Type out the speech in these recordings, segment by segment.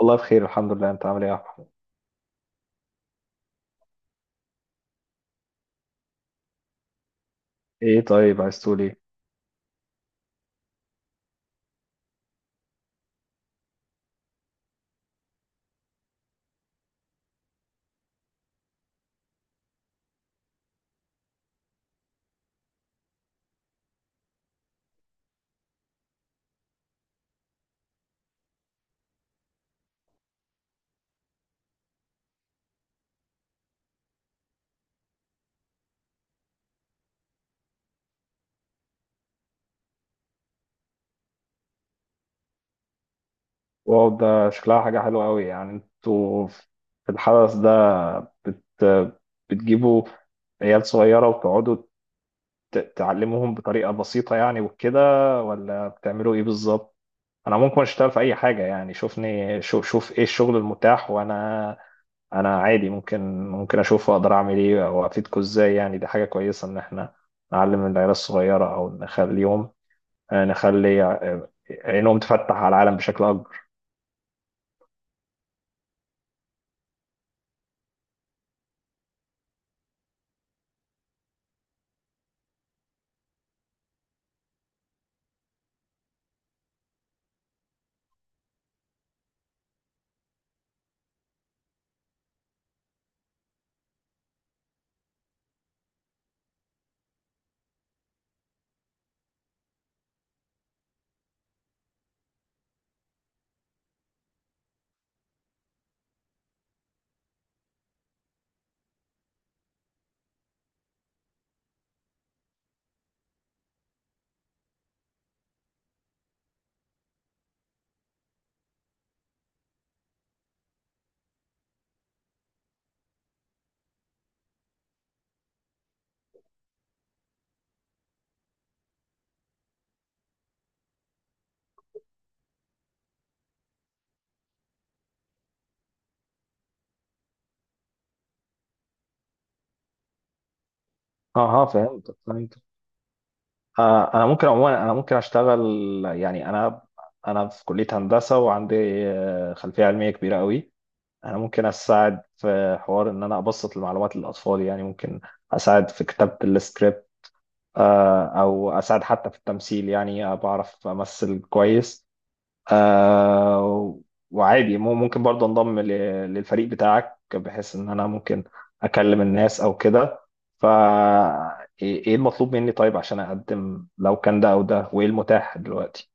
والله بخير، الحمد لله. انت عامل ايه يا احمد؟ ايه، طيب عايز تقول ايه؟ واو، ده شكلها حاجه حلوه قوي. يعني انتوا في الحدث ده بت بتجيبوا عيال صغيره وتقعدوا تعلموهم بطريقه بسيطه يعني وكده، ولا بتعملوا ايه بالظبط؟ انا ممكن اشتغل في اي حاجه، يعني شوفني شوف ايه الشغل المتاح، وانا عادي ممكن اشوف اقدر اعمل ايه او افيدكم ازاي. يعني دي حاجه كويسه ان احنا نعلم العيال الصغيره او نخلي ع- عينهم تفتح على العالم بشكل اكبر. اها، فهمت فهمت. انا ممكن، عموما انا ممكن اشتغل. يعني انا في كليه هندسه، وعندي خلفيه علميه كبيره قوي. انا ممكن اساعد في حوار ان انا ابسط المعلومات للاطفال، يعني ممكن اساعد في كتابه السكريبت، او اساعد حتى في التمثيل، يعني بعرف امثل كويس. آه وعادي ممكن برضه انضم للفريق بتاعك، بحيث ان انا ممكن اكلم الناس او كده. فا إيه المطلوب مني طيب عشان اقدم لو كان ده او ده، وايه المتاح دلوقتي؟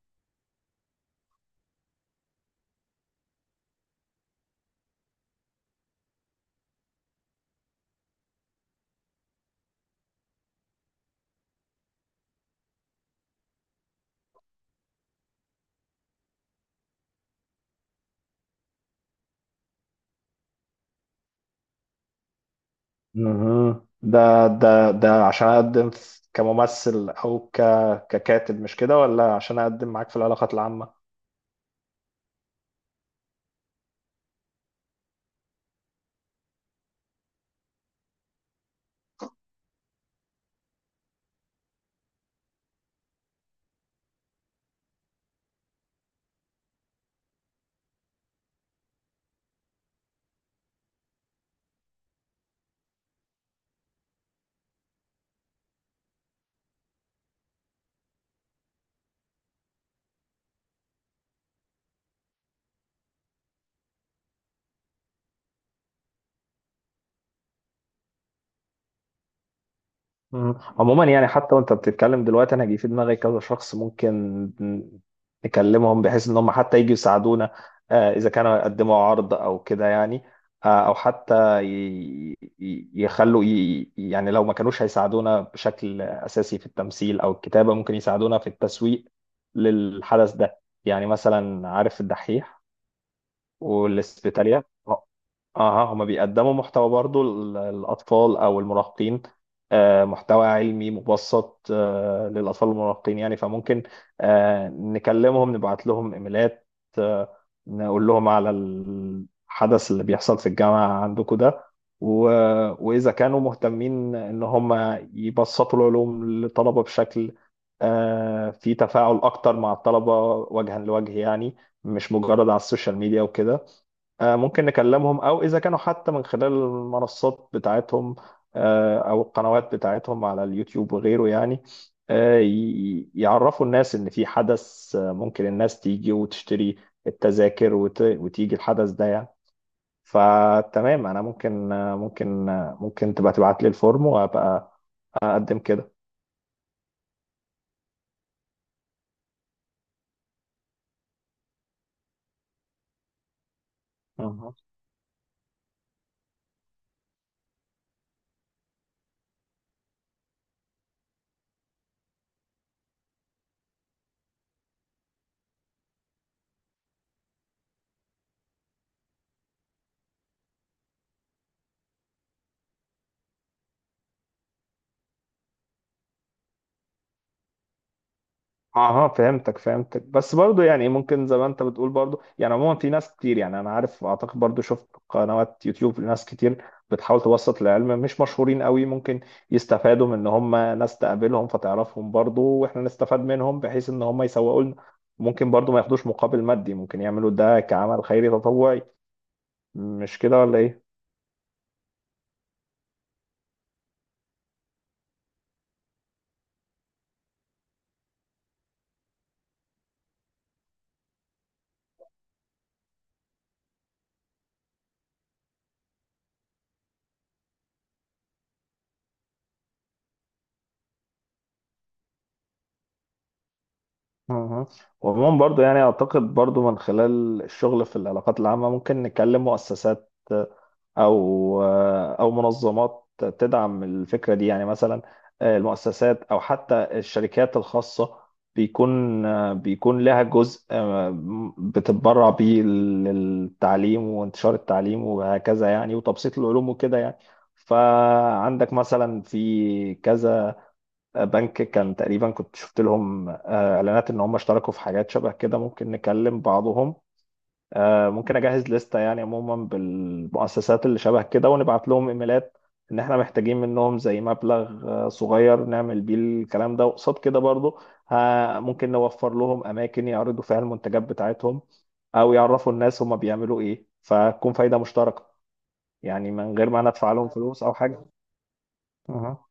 مهم. ده عشان اقدم كممثل او ككاتب، مش كده، ولا عشان اقدم معاك في العلاقات العامة؟ مم. عموما يعني حتى وانت بتتكلم دلوقتي، انا جه في دماغي كذا شخص ممكن نكلمهم بحيث ان هم حتى يجوا يساعدونا، اذا كانوا يقدموا عرض او كده يعني. او حتى يعني لو ما كانوش هيساعدونا بشكل اساسي في التمثيل او الكتابة، ممكن يساعدونا في التسويق للحدث ده. يعني مثلا عارف الدحيح والاسبيتاليا؟ اه، هما بيقدموا محتوى برضو للأطفال أو المراهقين، محتوى علمي مبسط للأطفال والمراهقين. يعني فممكن نكلمهم، نبعت لهم إيميلات، آه، نقول لهم على الحدث اللي بيحصل في الجامعة عندكم ده، و- وإذا كانوا مهتمين إن هم يبسطوا العلوم للطلبة بشكل فيه تفاعل أكتر مع الطلبة وجها لوجه، يعني مش مجرد على السوشيال ميديا وكده. ممكن نكلمهم او اذا كانوا حتى من خلال المنصات بتاعتهم، او القنوات بتاعتهم على اليوتيوب وغيره، يعني يعرفوا الناس ان في حدث، ممكن الناس تيجي وتشتري التذاكر وتيجي الحدث ده يعني. فتمام، انا ممكن، ممكن تبقى تبعت لي الفورم وابقى اقدم كده. اها، فهمتك فهمتك. بس برضو يعني ممكن زي ما انت بتقول. برضو يعني عموما في ناس كتير، يعني انا عارف، اعتقد برضو شفت قنوات يوتيوب، ناس كتير بتحاول توسط العلم مش مشهورين قوي. ممكن يستفادوا من ان هم ناس تقابلهم فتعرفهم برضو، واحنا نستفاد منهم بحيث ان هم يسوقوا لنا. ممكن برضو ما ياخدوش مقابل مادي، ممكن يعملوا ده كعمل خيري تطوعي. مش كده ولا ايه؟ اها. وعموما برضو يعني اعتقد برضو من خلال الشغل في العلاقات العامة ممكن نكلم مؤسسات او او منظمات تدعم الفكره دي. يعني مثلا المؤسسات او حتى الشركات الخاصه بيكون بيكون لها جزء بتتبرع بيه للتعليم وانتشار التعليم وهكذا، يعني وتبسيط العلوم وكده يعني. فعندك مثلا في كذا بنك كان تقريبا كنت شفت لهم اعلانات ان هم اشتركوا في حاجات شبه كده. ممكن نكلم بعضهم، ممكن اجهز لستة، يعني عموما بالمؤسسات اللي شبه كده، ونبعت لهم ايميلات ان احنا محتاجين منهم زي مبلغ صغير نعمل بيه الكلام ده. وقصاد كده برضو، ها، ممكن نوفر لهم اماكن يعرضوا فيها المنتجات بتاعتهم او يعرفوا الناس هما بيعملوا ايه، فتكون فايدة مشتركة، يعني من غير ما انا ادفع لهم فلوس او حاجة. اها.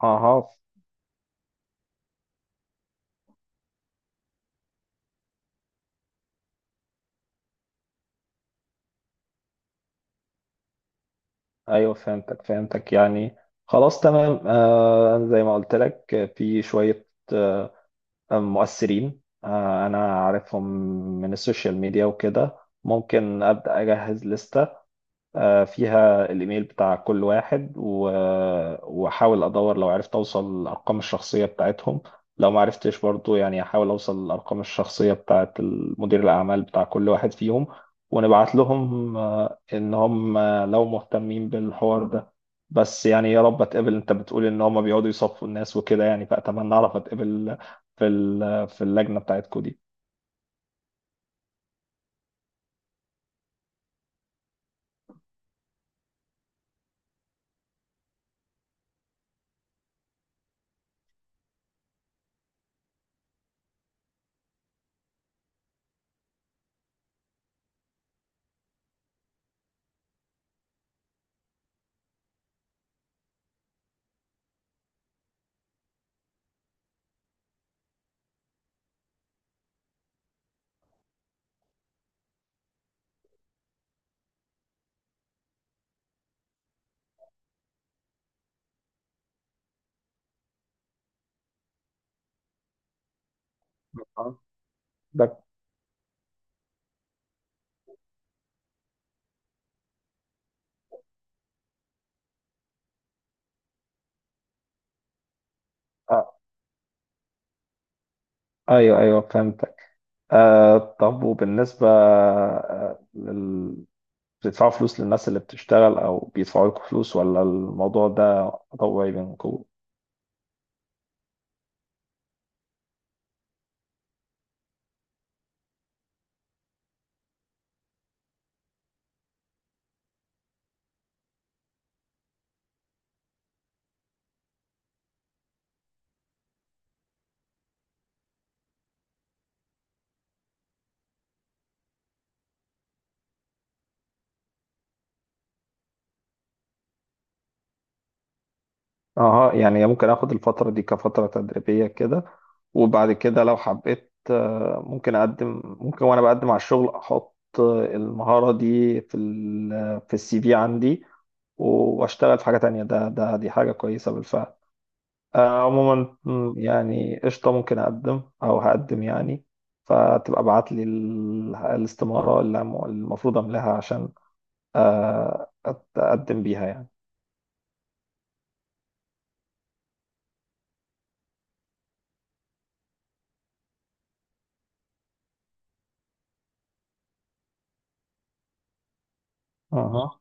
اها، ايوه، فهمتك فهمتك يعني. خلاص تمام، آه زي ما قلت لك، في شوية آه، مؤثرين، انا عارفهم من السوشيال ميديا وكده. ممكن ابدا اجهز لستة فيها الايميل بتاع كل واحد، واحاول ادور لو عرفت اوصل الارقام الشخصيه بتاعتهم. لو ما عرفتش برضو، يعني احاول اوصل الارقام الشخصيه بتاعت مدير الاعمال بتاع كل واحد فيهم، ونبعت لهم ان هم لو مهتمين بالحوار ده. بس يعني يا رب اتقبل. انت بتقول ان هم بيقعدوا يصفوا الناس وكده يعني، فاتمنى اعرف اتقبل في في اللجنه بتاعتكوا دي. آه. ده آه، ايوه ايوه فهمت. طب، وبالنسبة بتدفعوا فلوس للناس اللي بتشتغل أو بيدفعوا لكم فلوس، ولا الموضوع ده طوعي بينكم؟ أها، يعني ممكن آخد الفترة دي كفترة تدريبية كده، وبعد كده لو حبيت، ممكن أقدم. ممكن، وأنا بقدم على الشغل، أحط المهارة دي في السي في عندي، وأشتغل في حاجة تانية. ده ده دي حاجة كويسة بالفعل. عموما، يعني قشطة، ممكن أقدم أو هقدم يعني. فتبقى ابعت لي الاستمارة اللي المفروض أملاها عشان أقدم بيها يعني. أها.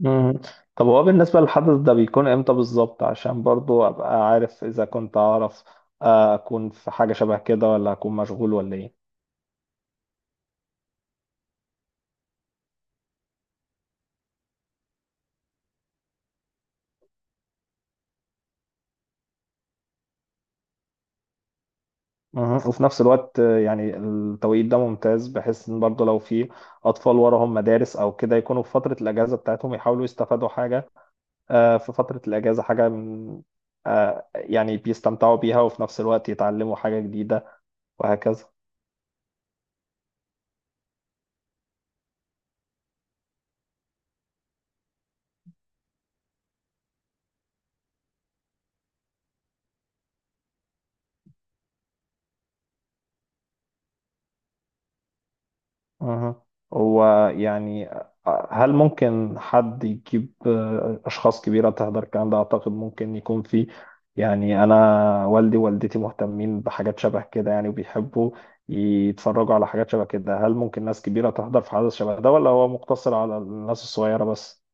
مم. طب هو بالنسبة للحدث ده بيكون إمتى بالظبط؟ عشان برضو أبقى عارف، إذا كنت أعرف أكون في حاجة شبه كده، ولا أكون مشغول، ولا إيه. مم. وفي نفس الوقت يعني التوقيت ده ممتاز، بحيث إن برضو لو في أطفال وراهم مدارس أو كده، يكونوا في فترة الأجازة بتاعتهم، يحاولوا يستفادوا حاجة في فترة الأجازة، حاجة من يعني بيستمتعوا بيها، وفي نفس الوقت يتعلموا حاجة جديدة، وهكذا. أها. هو يعني هل ممكن حد يجيب أشخاص كبيرة تحضر الكلام ده؟ أعتقد ممكن يكون في، يعني أنا والدي ووالدتي مهتمين بحاجات شبه كده يعني، وبيحبوا يتفرجوا على حاجات شبه كده. هل ممكن ناس كبيرة تحضر في حدث شبه ده، ولا هو مقتصر على الناس الصغيرة بس؟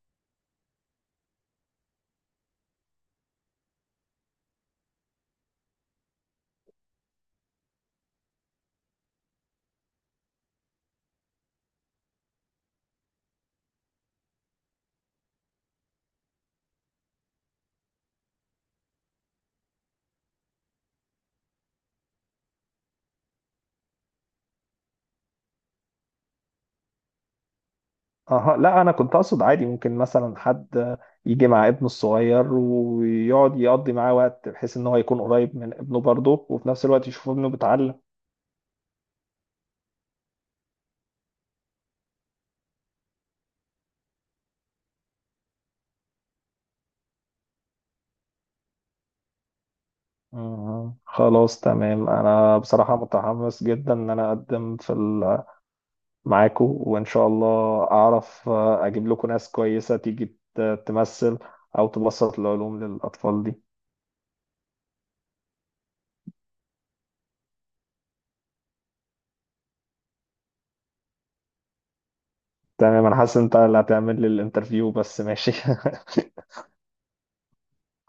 اها، لا انا كنت اقصد عادي، ممكن مثلا حد يجي مع ابنه الصغير ويقعد يقضي معاه وقت، بحيث ان هو يكون قريب من ابنه برضه، وفي نفس الوقت يشوف ابنه بيتعلم. أها. خلاص تمام، انا بصراحة متحمس جدا ان انا اقدم معاكو، وان شاء الله اعرف اجيب لكم ناس كويسة تيجي تمثل او تبسط العلوم للاطفال دي. تمام، انا حاسس إن انت اللي هتعمل لي الانترفيو بس ماشي.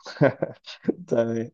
تمام.